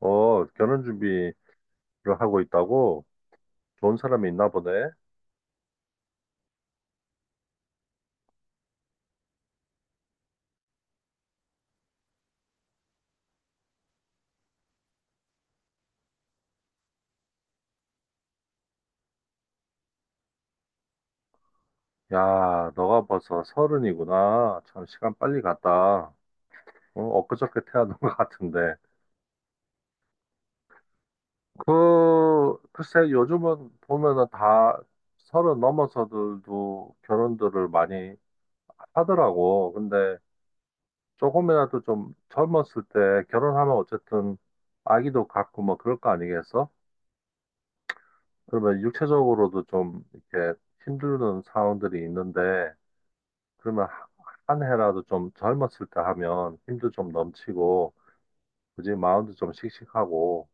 결혼 준비를 하고 있다고? 좋은 사람이 있나 보네. 야, 너가 벌써 서른이구나. 참, 시간 빨리 갔다. 엊그저께 태어난 것 같은데. 글쎄, 요즘은 보면은 다 서른 넘어서들도 결혼들을 많이 하더라고. 근데 조금이라도 좀 젊었을 때 결혼하면 어쨌든 아기도 갖고 뭐 그럴 거 아니겠어? 그러면 육체적으로도 좀 이렇게 힘드는 상황들이 있는데, 그러면 한 해라도 좀 젊었을 때 하면 힘도 좀 넘치고, 굳이 마음도 좀 씩씩하고,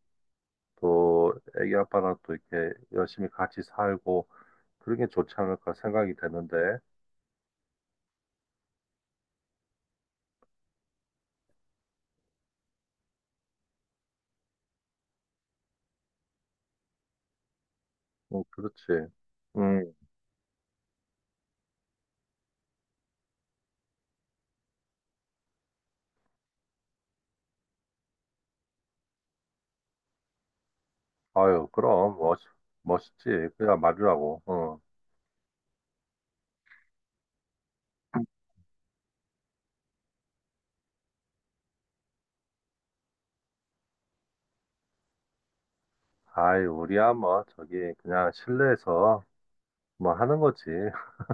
또 애기 아빠랑 또 이렇게 열심히 같이 살고, 그런 게 좋지 않을까 생각이 되는데. 응. 그렇지. 응. 아유, 그럼, 멋있지. 그야 말이라고. 응. 아이, 우리야 뭐, 저기, 그냥 실내에서 뭐 하는 거지.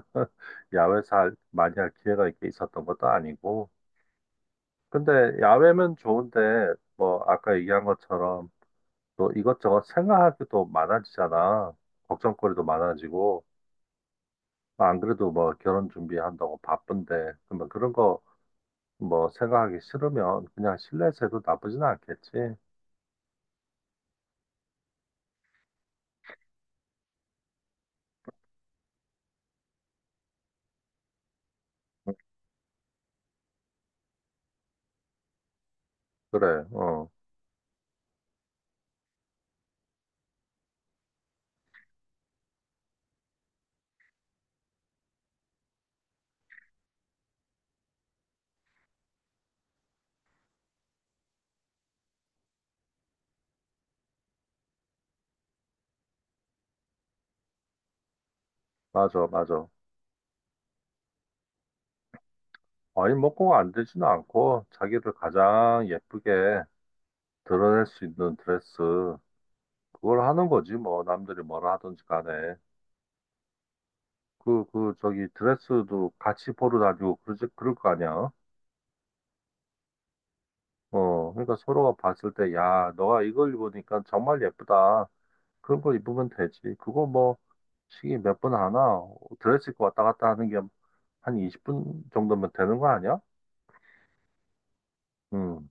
야외에서 많이 할 기회가 이렇게 있었던 것도 아니고, 근데 야외면 좋은데 뭐 아까 얘기한 것처럼 또 이것저것 생각하기도 많아지잖아. 걱정거리도 많아지고 안 그래도 뭐 결혼 준비한다고 바쁜데 그러면 그런 거 뭐 생각하기 싫으면 그냥 실내에서 해도 나쁘진 않겠지. 그래, 맞아, 맞아. 아니 뭐 꼭 안 되지는 않고 자기를 가장 예쁘게 드러낼 수 있는 드레스 그걸 하는 거지 뭐 남들이 뭐라 하든지 간에. 저기, 드레스도 같이 보러 다니고, 그러지, 그럴 거 아니야. 그러니까 서로가 봤을 때, 야, 너가 이걸 입으니까 정말 예쁘다. 그런 걸 입으면 되지. 그거 뭐, 시계 몇 분 하나? 드레스 입고 왔다 갔다 하는 게 한 20분 정도면 되는 거 아니야? 응,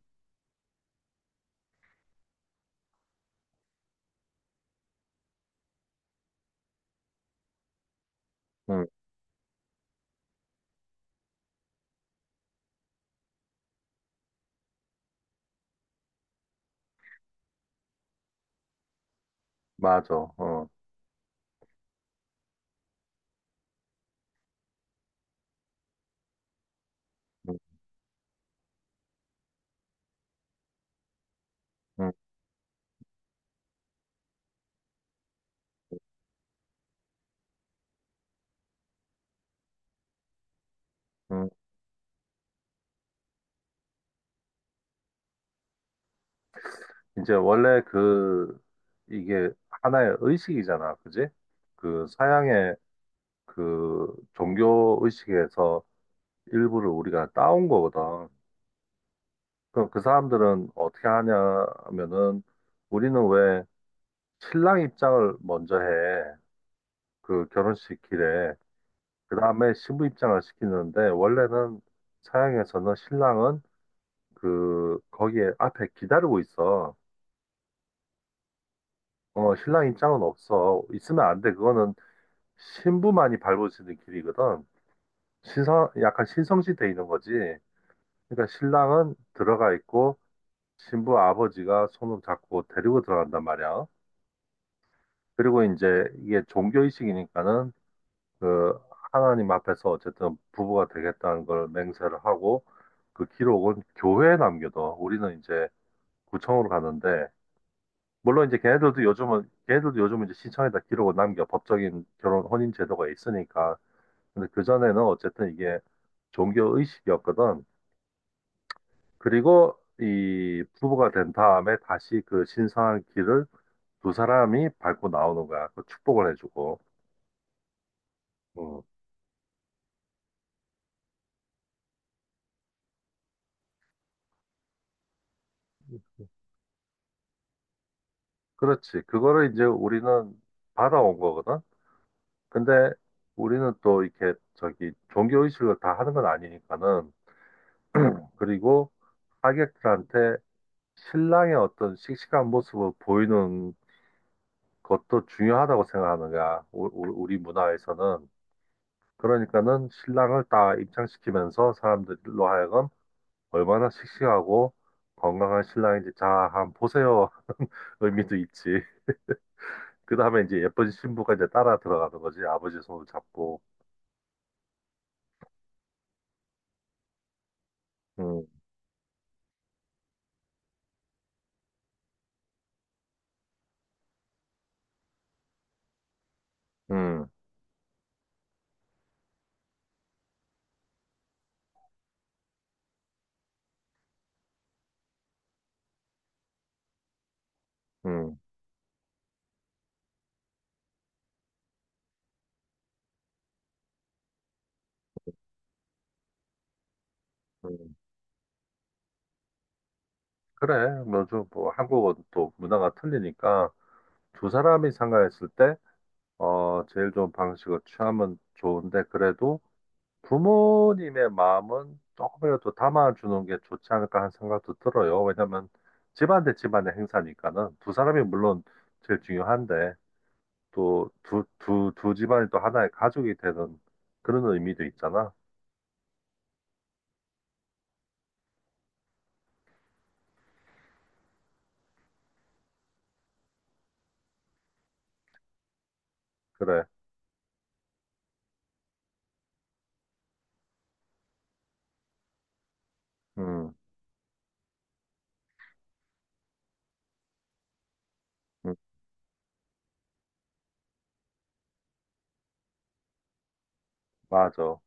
응, 맞아. 어, 응, 응, 응. 이제 원래 이게 하나의 의식이잖아. 그지? 그 서양의 그 종교 의식에서 일부를 우리가 따온 거거든. 그럼 그 사람들은 어떻게 하냐면은 우리는 왜 신랑 입장을 먼저 해. 그 결혼식 길에. 그 다음에 신부 입장을 시키는데 원래는 서양에서는 신랑은 그 거기에 앞에 기다리고 있어. 신랑 입장은 없어. 있으면 안 돼. 그거는 신부만이 밟을 수 있는 길이거든. 약간 신성시 돼 있는 거지. 그러니까 신랑은 들어가 있고 신부 아버지가 손을 잡고 데리고 들어간단 말이야. 그리고 이제 이게 종교의식이니까는 그 하나님 앞에서 어쨌든 부부가 되겠다는 걸 맹세를 하고 그 기록은 교회에 남겨둬. 우리는 이제 구청으로 가는데 물론 이제 걔네들도 요즘은 이제 시청에다 기록을 남겨 법적인 결혼 혼인 제도가 있으니까. 근데 그전에는 어쨌든 이게 종교의식이었거든. 그리고 이 부부가 된 다음에 다시 그 신성한 길을 두 사람이 밟고 나오는 거야. 그 축복을 해주고. 어. 그렇지. 그거를 이제 우리는 받아온 거거든. 근데 우리는 또 이렇게 저기 종교의식을 다 하는 건 아니니까는. 그리고 하객들한테 신랑의 어떤 씩씩한 모습을 보이는 것도 중요하다고 생각하는 거야. 우리 문화에서는. 그러니까는 신랑을 다 입장시키면서 사람들로 하여금 얼마나 씩씩하고 건강한 신랑인지 자, 한번 보세요. 의미도 있지. 그 다음에 이제 예쁜 신부가 이제 따라 들어가는 거지. 아버지 손을 잡고. 음, 음, 음, 음. 그래. 뭐좀 뭐 한국어도 또 문화가 틀리니까 두 사람이 상가했을 때 제일 좋은 방식을 취하면 좋은데 그래도 부모님의 마음은 조금이라도 담아주는 게 좋지 않을까 하는 생각도 들어요. 왜냐면 집안 대 집안의 행사니까는 두 사람이 물론 제일 중요한데 또 두 집안이 또 하나의 가족이 되는 그런 의미도 있잖아. 그래. 음, 음, 맞아.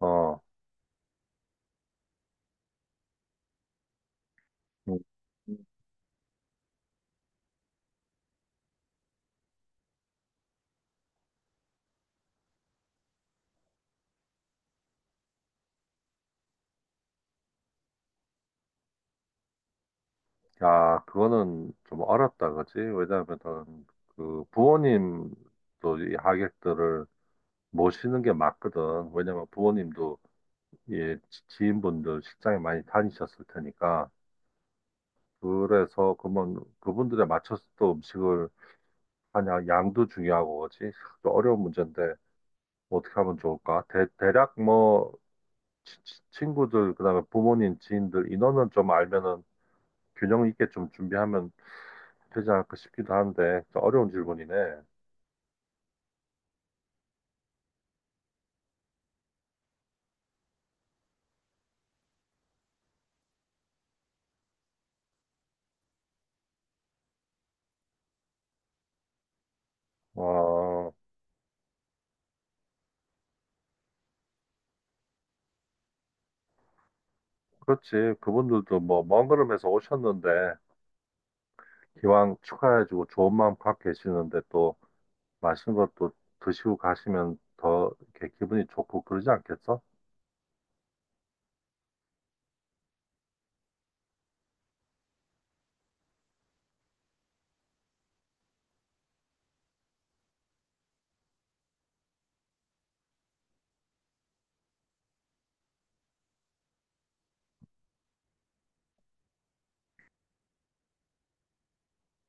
어. 음. 야, 그거는 좀 어렵다, 그지? 왜냐하면 그 부모님도 이 하객들을 모시는 게 맞거든. 왜냐면 부모님도 예, 지인분들 식장에 많이 다니셨을 테니까. 그래서 그분 그분들에 맞춰서 또 음식을 하냐 양도 중요하고 그지? 좀 어려운 문제인데 어떻게 하면 좋을까? 대략 뭐 친구들 그다음에 부모님 지인들 인원은 좀 알면은 균형 있게 좀 준비하면 되지 않을까 싶기도 한데 좀 어려운 질문이네. 어, 그렇지. 그분들도 뭐 먼 걸음에서 오셨는데 기왕 축하해주고 좋은 마음 갖고 계시는데 또 맛있는 것도 드시고 가시면 더 이렇게 기분이 좋고 그러지 않겠어?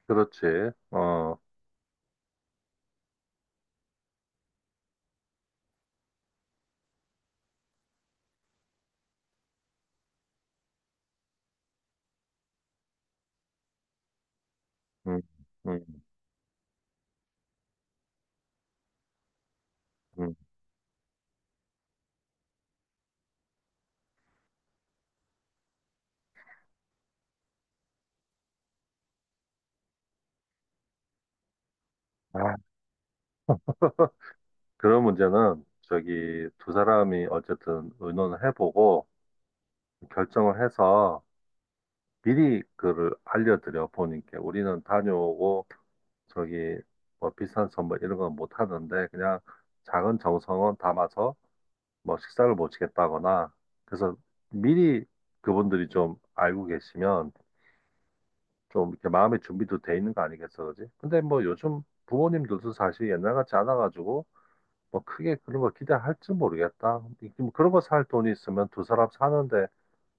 그렇지. 어, 음, 음, 음. 아, 그런 문제는 저기 두 사람이 어쨌든 의논을 해보고 결정을 해서 미리 그를 알려드려 본인께 우리는 다녀오고 저기 뭐 비싼 선물 이런 건 못 하는데 그냥 작은 정성은 담아서 뭐 식사를 모치겠다거나 그래서 미리 그분들이 좀 알고 계시면 좀 이렇게 마음의 준비도 돼 있는 거 아니겠어, 그지? 근데 뭐 요즘 부모님들도 사실 옛날 같지 않아가지고 뭐 크게 그런 거 기대할지 모르겠다. 뭐 그런 거 살 돈이 있으면 두 사람 사는데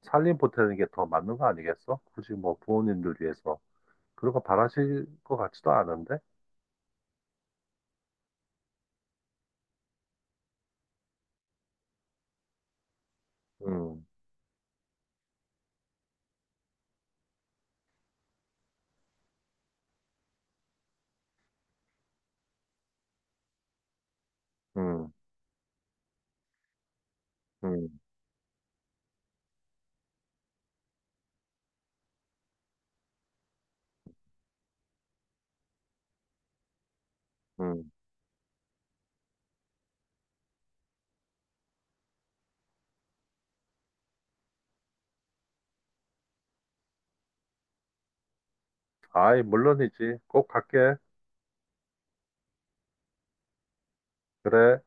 살림 보태는 게 더 맞는 거 아니겠어? 굳이 뭐 부모님들 위해서 그런 거 바라실 것 같지도 않은데. 음, 음. 음. 음. 아이, 물론이지. 꼭 갈게. 그래.